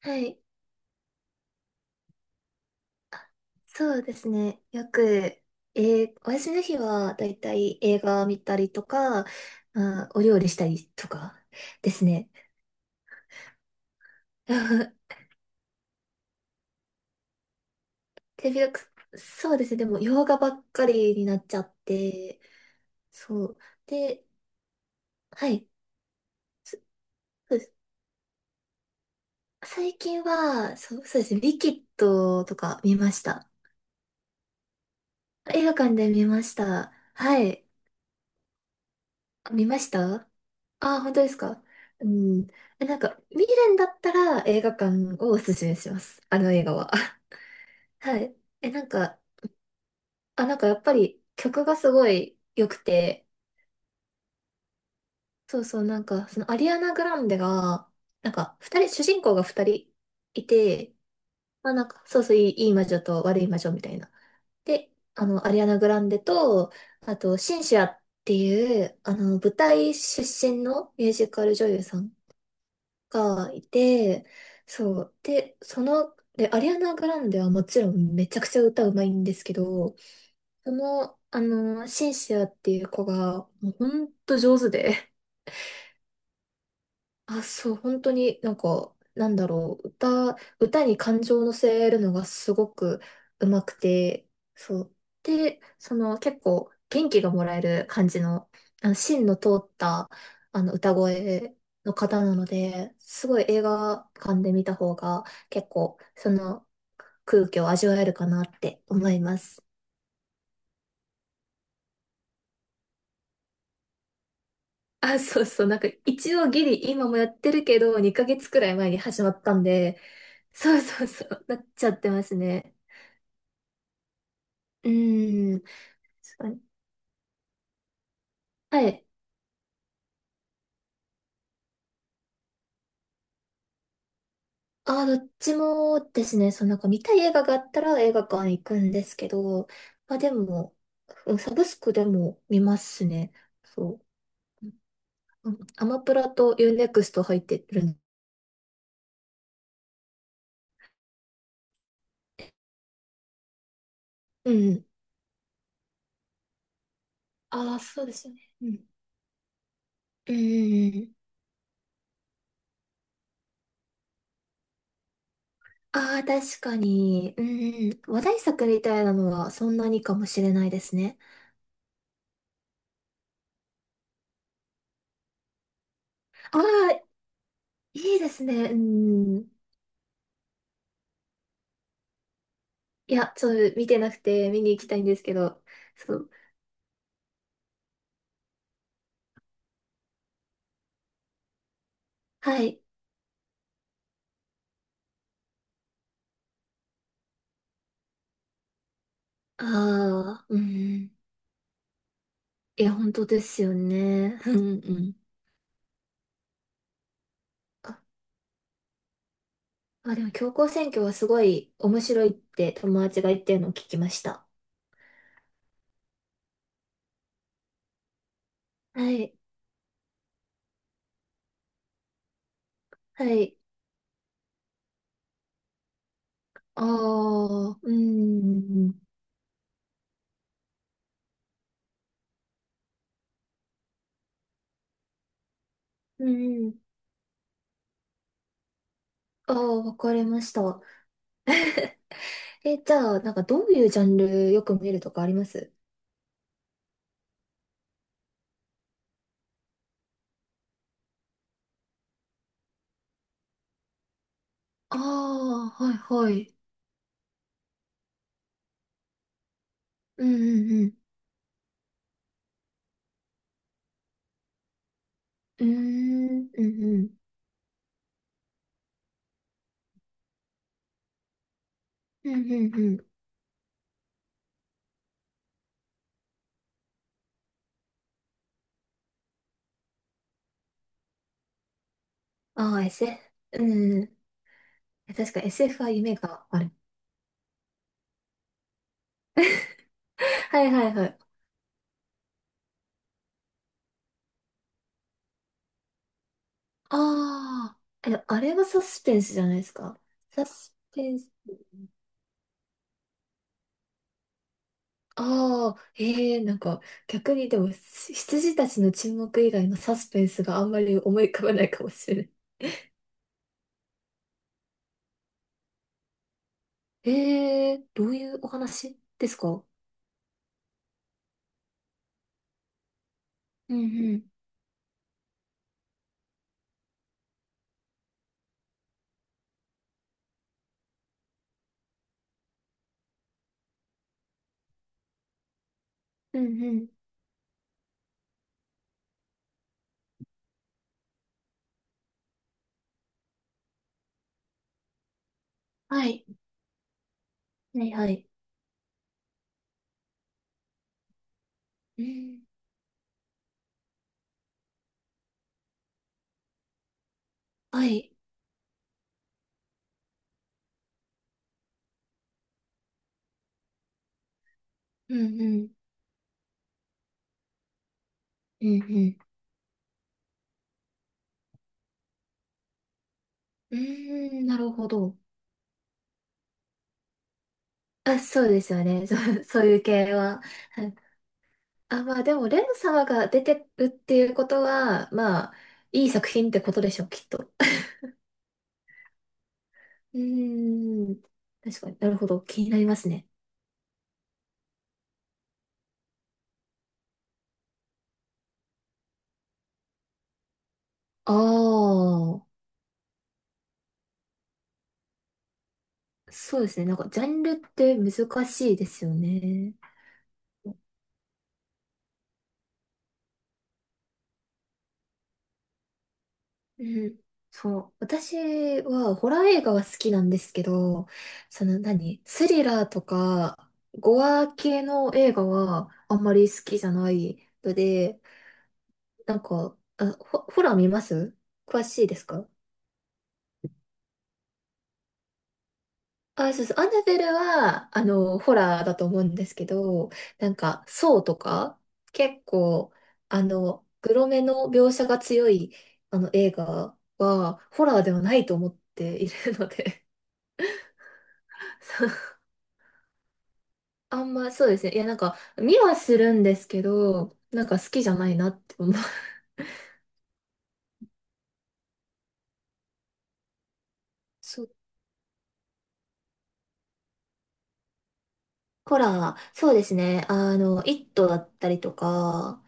はい、そうですね。よく、お休みの日はだいたい映画見たりとか、まあー、お料理したりとかですね。手広く、そうですね。でも、洋画ばっかりになっちゃって、そう。で、はい。そそうです。最近は、そう、そうですね。リキッドとか見ました。映画館で見ました。はい。見ました。ああ、本当ですか。うん。え、なんか、見るんだったら映画館をおすすめします。あの映画は。はい。え、なんか、あ、なんかやっぱり曲がすごい良くて、そうそう、なんか、そのアリアナ・グランデが、なんか、二人、主人公が二人いて、まあなんか、そうそう、いい魔女と悪い魔女みたいな。で、あの、アリアナ・グランデと、あと、シンシアっていう、あの、舞台出身のミュージカル女優さんがいて、そう。で、その、で、アリアナ・グランデはもちろんめちゃくちゃ歌うまいんですけど、その、あの、シンシアっていう子が、もうほんと上手で、あ、そう、本当になんか、なんだろう、歌に感情を乗せるのがすごくうまくて、そう。で、その結構元気がもらえる感じの、あの芯の通ったあの歌声の方なので、すごい映画館で見た方が結構その空気を味わえるかなって思います。あ、そうそう、なんか一応ギリ今もやってるけど、2ヶ月くらい前に始まったんで、そうそうそう、なっちゃってますね。うーん。確かに。はい。ああ、どっちもですね、そのなんか見たい映画があったら映画館行くんですけど、まあでも、うん、サブスクでも見ますね。そう。うん、アマプラとユーネクスト入ってるん。うん。ああ、そうですよね。うん。うん。ああ、確かに。うん。話題作みたいなのはそんなにかもしれないですね。ああ、いいですね。うん。いや、ちょっと見てなくて見に行きたいんですけど。そう。はい。ああ、うん。いや、本当ですよね。うんうん。あ、まあでも、強行選挙はすごい面白いって友達が言ってるのを聞きました。はい。はい。ああ、うん。うん。ああ、わかりました。え、じゃあ、なんかどういうジャンルよく見るとかあります？ああー、はいはい。うんうんうん。うーん、うんうん。うんうんうん。ああ、SF。うん。確か SF は夢がある。はいはいはい。ああ、え、あれはサスペンスじゃないですか。サスペンス、ああ、ええ、なんか逆にでもし羊たちの沈黙以外のサスペンスがあんまり思い浮かばないかもしれない。ええ、どういうお話ですか？うんうん、うんうん。はい、はいはい。うん、はい、うんうん、うんうん。うーん、なるほど。あ、そうですよね。そう、そういう系は。あ、まあでも、レン様が出てるっていうことは、まあ、いい作品ってことでしょう、きっと。うーん、確かになるほど、気になりますね。ああ、そうですね。なんか、ジャンルって難しいですよね。うん、そう。私はホラー映画は好きなんですけど、その何、スリラーとか、ゴア系の映画はあんまり好きじゃないので、なんか、あ、ホラー見ます？詳しいですか？あ、そうそう。アナベルは、あの、ホラーだと思うんですけど、なんか、ソーとか、結構、あの、グロめの描写が強い、あの、映画は、ホラーではないと思っているので、そう、あんま、そうですね。いや、なんか、見はするんですけど、なんか好きじゃないなって思う。そう、ホラー、そうですね。あの、イットだったりとか、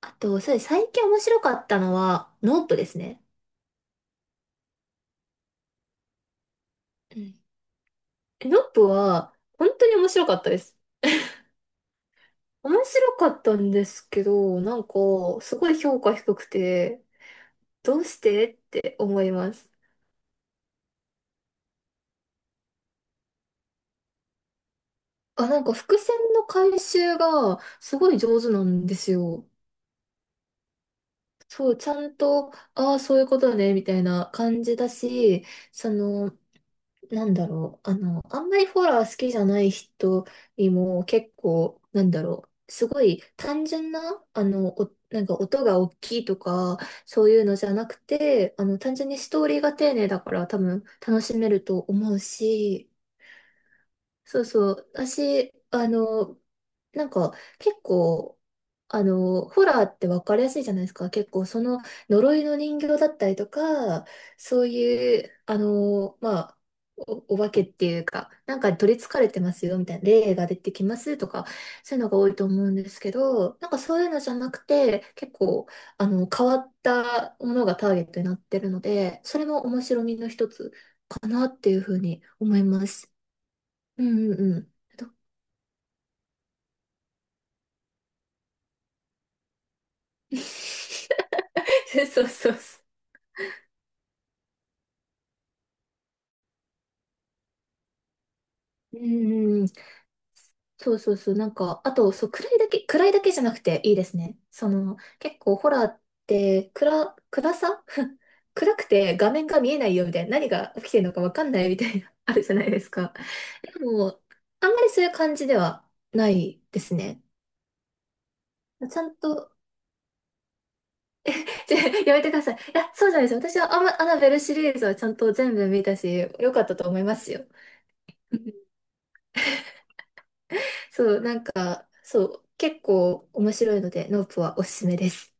あと、そうです。最近面白かったのは、ノープですね。え、ノップは、本当に面白かったです。面白かったんですけど、なんか、すごい評価低くて、どうしてって思います。あ、なんか伏線の回収がすごい上手なんですよ。そう、ちゃんと、ああ、そういうことね、みたいな感じだし、その、なんだろう、あの、あんまりホラー好きじゃない人にも結構、なんだろう、すごい単純な、あの、なんか音が大きいとか、そういうのじゃなくて、あの、単純にストーリーが丁寧だから多分楽しめると思うし、そうそう。私、あの、なんか結構、あの、ホラーって分かりやすいじゃないですか。結構その呪いの人形だったりとか、そういう、あの、まあ、お化けっていうか、なんかに取り憑かれてますよみたいな、霊が出てきますとか、そういうのが多いと思うんですけど、なんかそういうのじゃなくて、結構、あの、変わったものがターゲットになってるので、それも面白みの一つかなっていうふうに思います。うんうんうん。そうそうそう。うんうん、そうそうそう。なんか、あと、そう、暗いだけじゃなくていいですね。その、結構ホラーって、暗さ 暗くて画面が見えないよみたいな、何が起きてるのかわかんないみたいな、あるじゃないですか。でも、あんまりそういう感じではないですね。ちゃんと、ちょやめてください。いや、そうじゃないです。私はアナベルシリーズはちゃんと全部見たし、良かったと思いますよ。そう、なんかそう、結構面白いので、ノープはおすすめです。